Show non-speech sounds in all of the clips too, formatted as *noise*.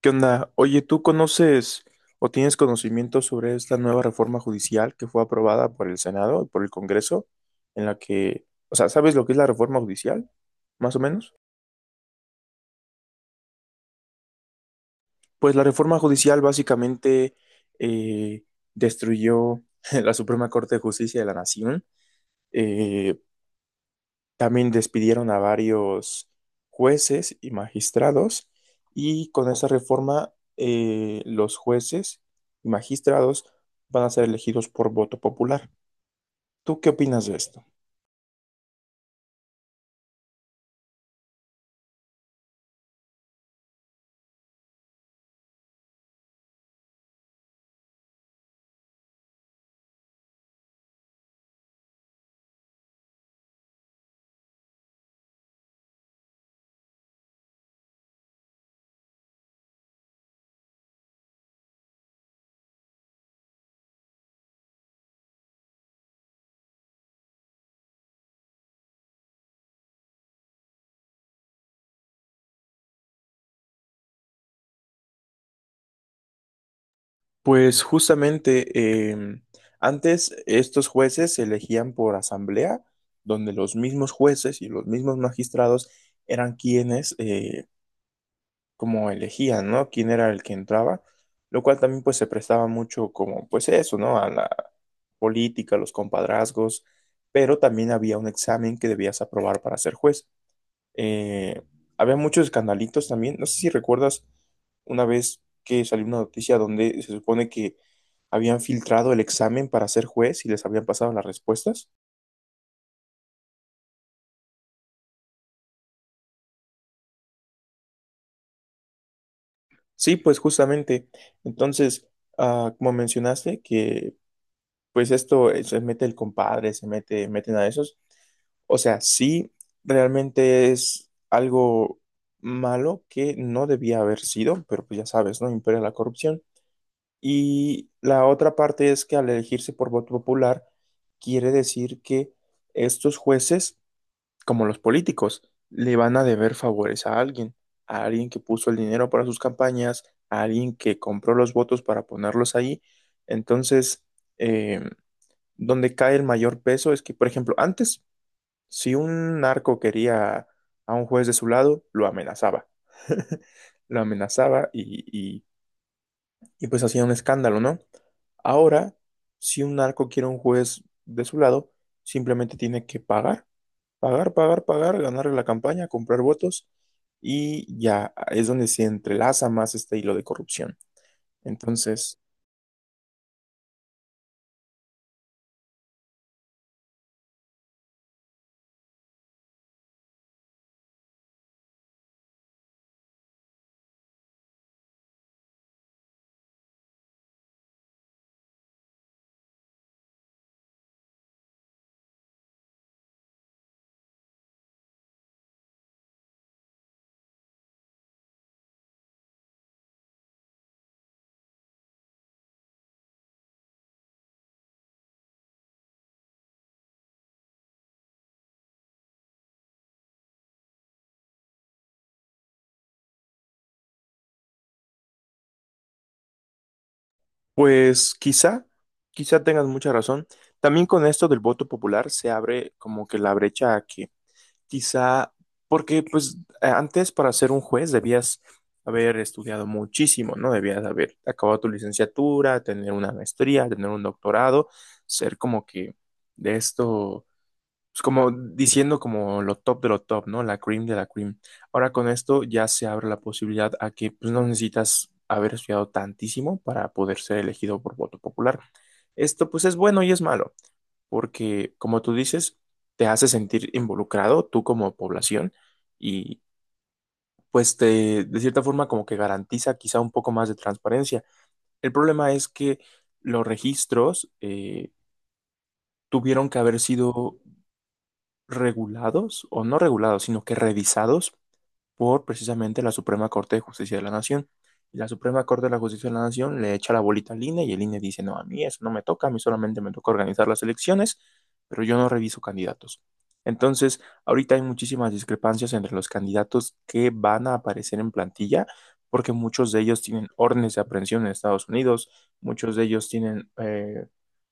¿Qué onda? Oye, ¿tú conoces o tienes conocimiento sobre esta nueva reforma judicial que fue aprobada por el Senado y por el Congreso, en la que, o sea, ¿sabes lo que es la reforma judicial, más o menos? Pues la reforma judicial básicamente eh, destruyó *laughs* la Suprema Corte de Justicia de la Nación, eh, también despidieron a varios jueces y magistrados y con esa reforma los jueces y magistrados van a ser elegidos por voto popular. ¿Tú qué opinas de esto? Pues justamente eh, antes estos jueces se elegían por asamblea, donde los mismos jueces y los mismos magistrados eran quienes como elegían, ¿no? Quién era el que entraba, lo cual también pues se prestaba mucho como pues eso, ¿no? A la política, los compadrazgos, pero también había un examen que debías aprobar para ser juez. Eh, Había muchos escandalitos también, no sé si recuerdas una vez que salió una noticia donde se supone que habían filtrado el examen para ser juez y les habían pasado las respuestas. Sí, pues justamente. Entonces, como mencionaste, que pues esto, se mete el compadre, se mete, meten a esos. O sea, sí, realmente es algo malo que no debía haber sido, pero pues ya sabes, ¿no? Impera la corrupción. Y la otra parte es que al elegirse por voto popular, quiere decir que estos jueces, como los políticos, le van a deber favores a alguien que puso el dinero para sus campañas, a alguien que compró los votos para ponerlos ahí. Entonces, em, donde cae el mayor peso es que, por ejemplo, antes, si un narco quería a un juez de su lado, lo amenazaba. *laughs* Lo amenazaba y- y, pues hacía un escándalo, ¿no? Ahora, si un narco quiere a un juez de su lado, simplemente tiene que pagar, pagar, pagar, pagar, ganarle la campaña, comprar votos y ya es donde se entrelaza más este hilo de corrupción. Entonces, pues quizá, quizá tengas mucha razón. También con esto del voto popular se abre como que la brecha a que quizá, porque pues antes para ser un juez debías haber estudiado muchísimo, ¿no? Debías haber acabado tu licenciatura, tener una maestría, tener un doctorado, ser como que de esto pues como diciendo como lo top de lo top, ¿no? La cream de la cream. Ahora con esto ya se abre la posibilidad a que pues, no necesitas haber estudiado tantísimo para poder ser elegido por voto popular. Esto pues es bueno y es malo, porque como tú dices, te hace sentir involucrado tú como población y pues te, de cierta forma como que garantiza quizá un poco más de transparencia. El problema es que los registros tuvieron que haber sido regulados o no regulados, sino que revisados por precisamente la Suprema Corte de Justicia de la Nación. Y la Suprema Corte de la Justicia de la Nación le echa la bolita al INE y el INE dice, no, a mí eso no me toca, a mí solamente me toca organizar las elecciones, pero yo no reviso candidatos. Entonces, ahorita hay muchísimas discrepancias entre los candidatos que van a aparecer en plantilla, porque muchos de ellos tienen órdenes de aprehensión en Estados Unidos, muchos de ellos tienen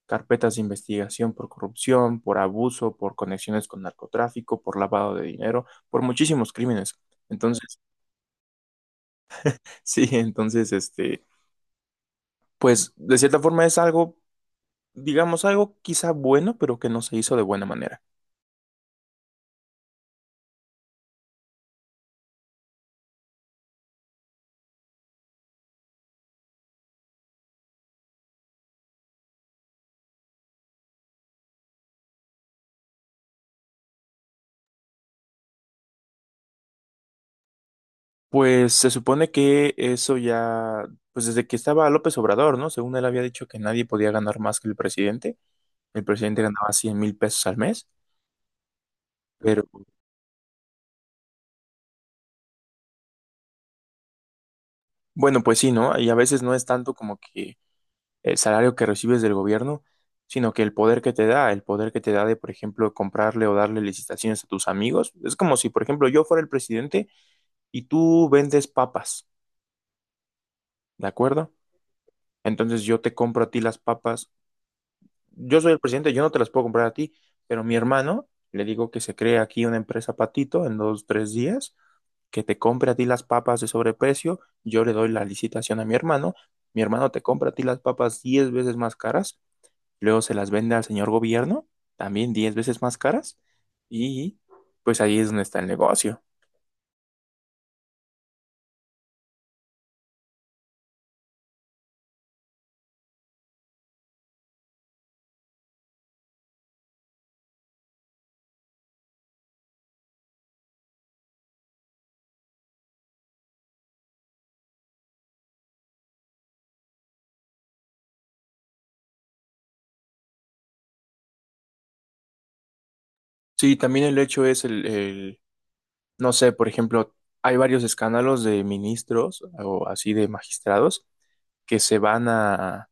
carpetas de investigación por corrupción, por abuso, por conexiones con narcotráfico, por lavado de dinero, por muchísimos crímenes. Entonces, *laughs* sí, entonces, este, pues de cierta forma es algo, digamos, algo quizá bueno, pero que no se hizo de buena manera. Pues se supone que eso ya, pues desde que estaba López Obrador, ¿no? Según él había dicho que nadie podía ganar más que el presidente. El presidente ganaba 100,000 pesos al mes, pero bueno, pues sí, ¿no? Y a veces no es tanto como que el salario que recibes del gobierno, sino que el poder que te da, el poder que te da de, por ejemplo, comprarle o darle licitaciones a tus amigos. Es como si, por ejemplo, yo fuera el presidente y tú vendes papas, ¿de acuerdo? Entonces yo te compro a ti las papas. Yo soy el presidente, yo no te las puedo comprar a ti, pero mi hermano, le digo que se cree aquí una empresa patito en dos, tres días, que te compre a ti las papas de sobreprecio, yo le doy la licitación a mi hermano te compra a ti las papas 10 veces más caras, luego se las vende al señor gobierno, también 10 veces más caras, y pues ahí es donde está el negocio. Sí, también el hecho es no sé, por ejemplo, hay varios escándalos de ministros o así de magistrados que se van a,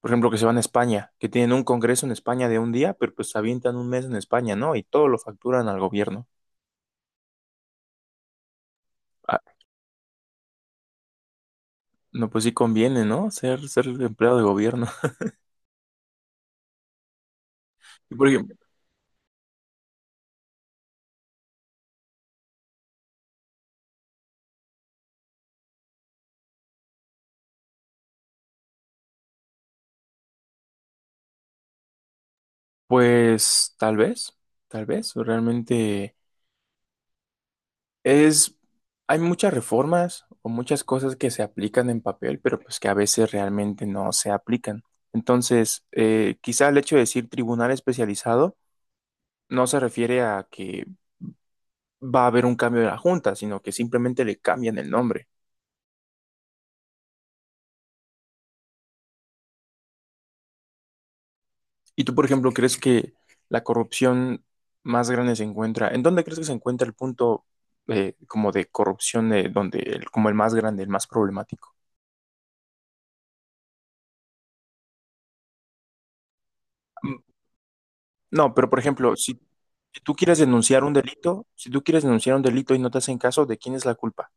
por ejemplo, que se van a España, que tienen un congreso en España de un día, pero pues se avientan un mes en España, ¿no? Y todo lo facturan al gobierno. Ah, no, pues sí conviene, ¿no? Ser empleado de gobierno. *laughs* Y por ejemplo, pues tal vez, realmente. Es, hay muchas reformas o muchas cosas que se aplican en papel, pero pues que a veces realmente no se aplican. Entonces, quizá el hecho de decir tribunal especializado no se refiere a que va a haber un cambio de la junta, sino que simplemente le cambian el nombre. ¿Y tú, por ejemplo, crees que la corrupción más grande se encuentra? ¿En dónde crees que se encuentra el punto como de corrupción, donde como el más grande, el más problemático? No, pero por ejemplo, si tú quieres denunciar un delito, si tú quieres denunciar un delito y no te hacen caso, ¿de quién es la culpa?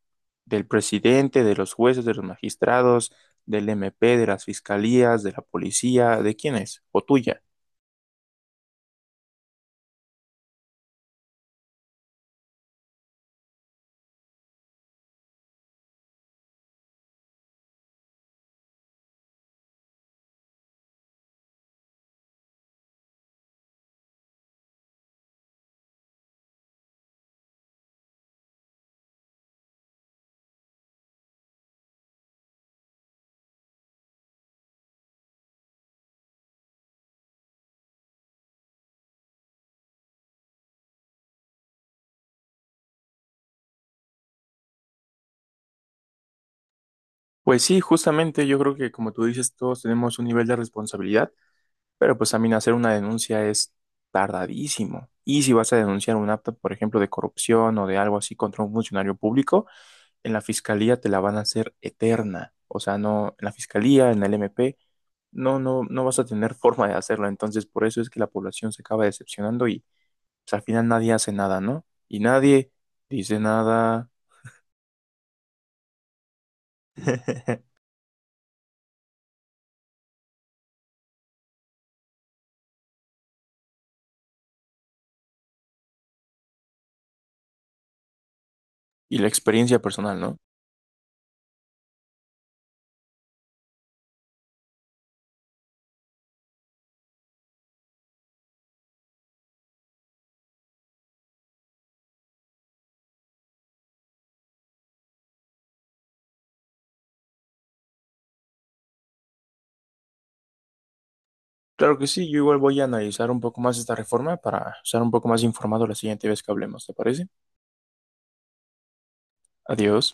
¿Del presidente, de los jueces, de los magistrados, del MP, de las fiscalías, de la policía? ¿De quién es? ¿O tuya? Pues sí, justamente yo creo que como tú dices, todos tenemos un nivel de responsabilidad, pero pues también hacer una denuncia es tardadísimo. Y si vas a denunciar un acto, por ejemplo, de corrupción o de algo así contra un funcionario público, en la fiscalía te la van a hacer eterna. O sea, no, en la fiscalía, en el MP, no, no, no vas a tener *laughs* forma de hacerlo. Entonces, por eso es que la población se acaba decepcionando y pues, al final nadie hace nada, ¿no? Y nadie dice nada. *laughs* Y la experiencia personal, ¿no? Claro que sí, yo igual voy a analizar un poco más esta reforma para estar un poco más informado la siguiente vez que hablemos, ¿te parece? Adiós.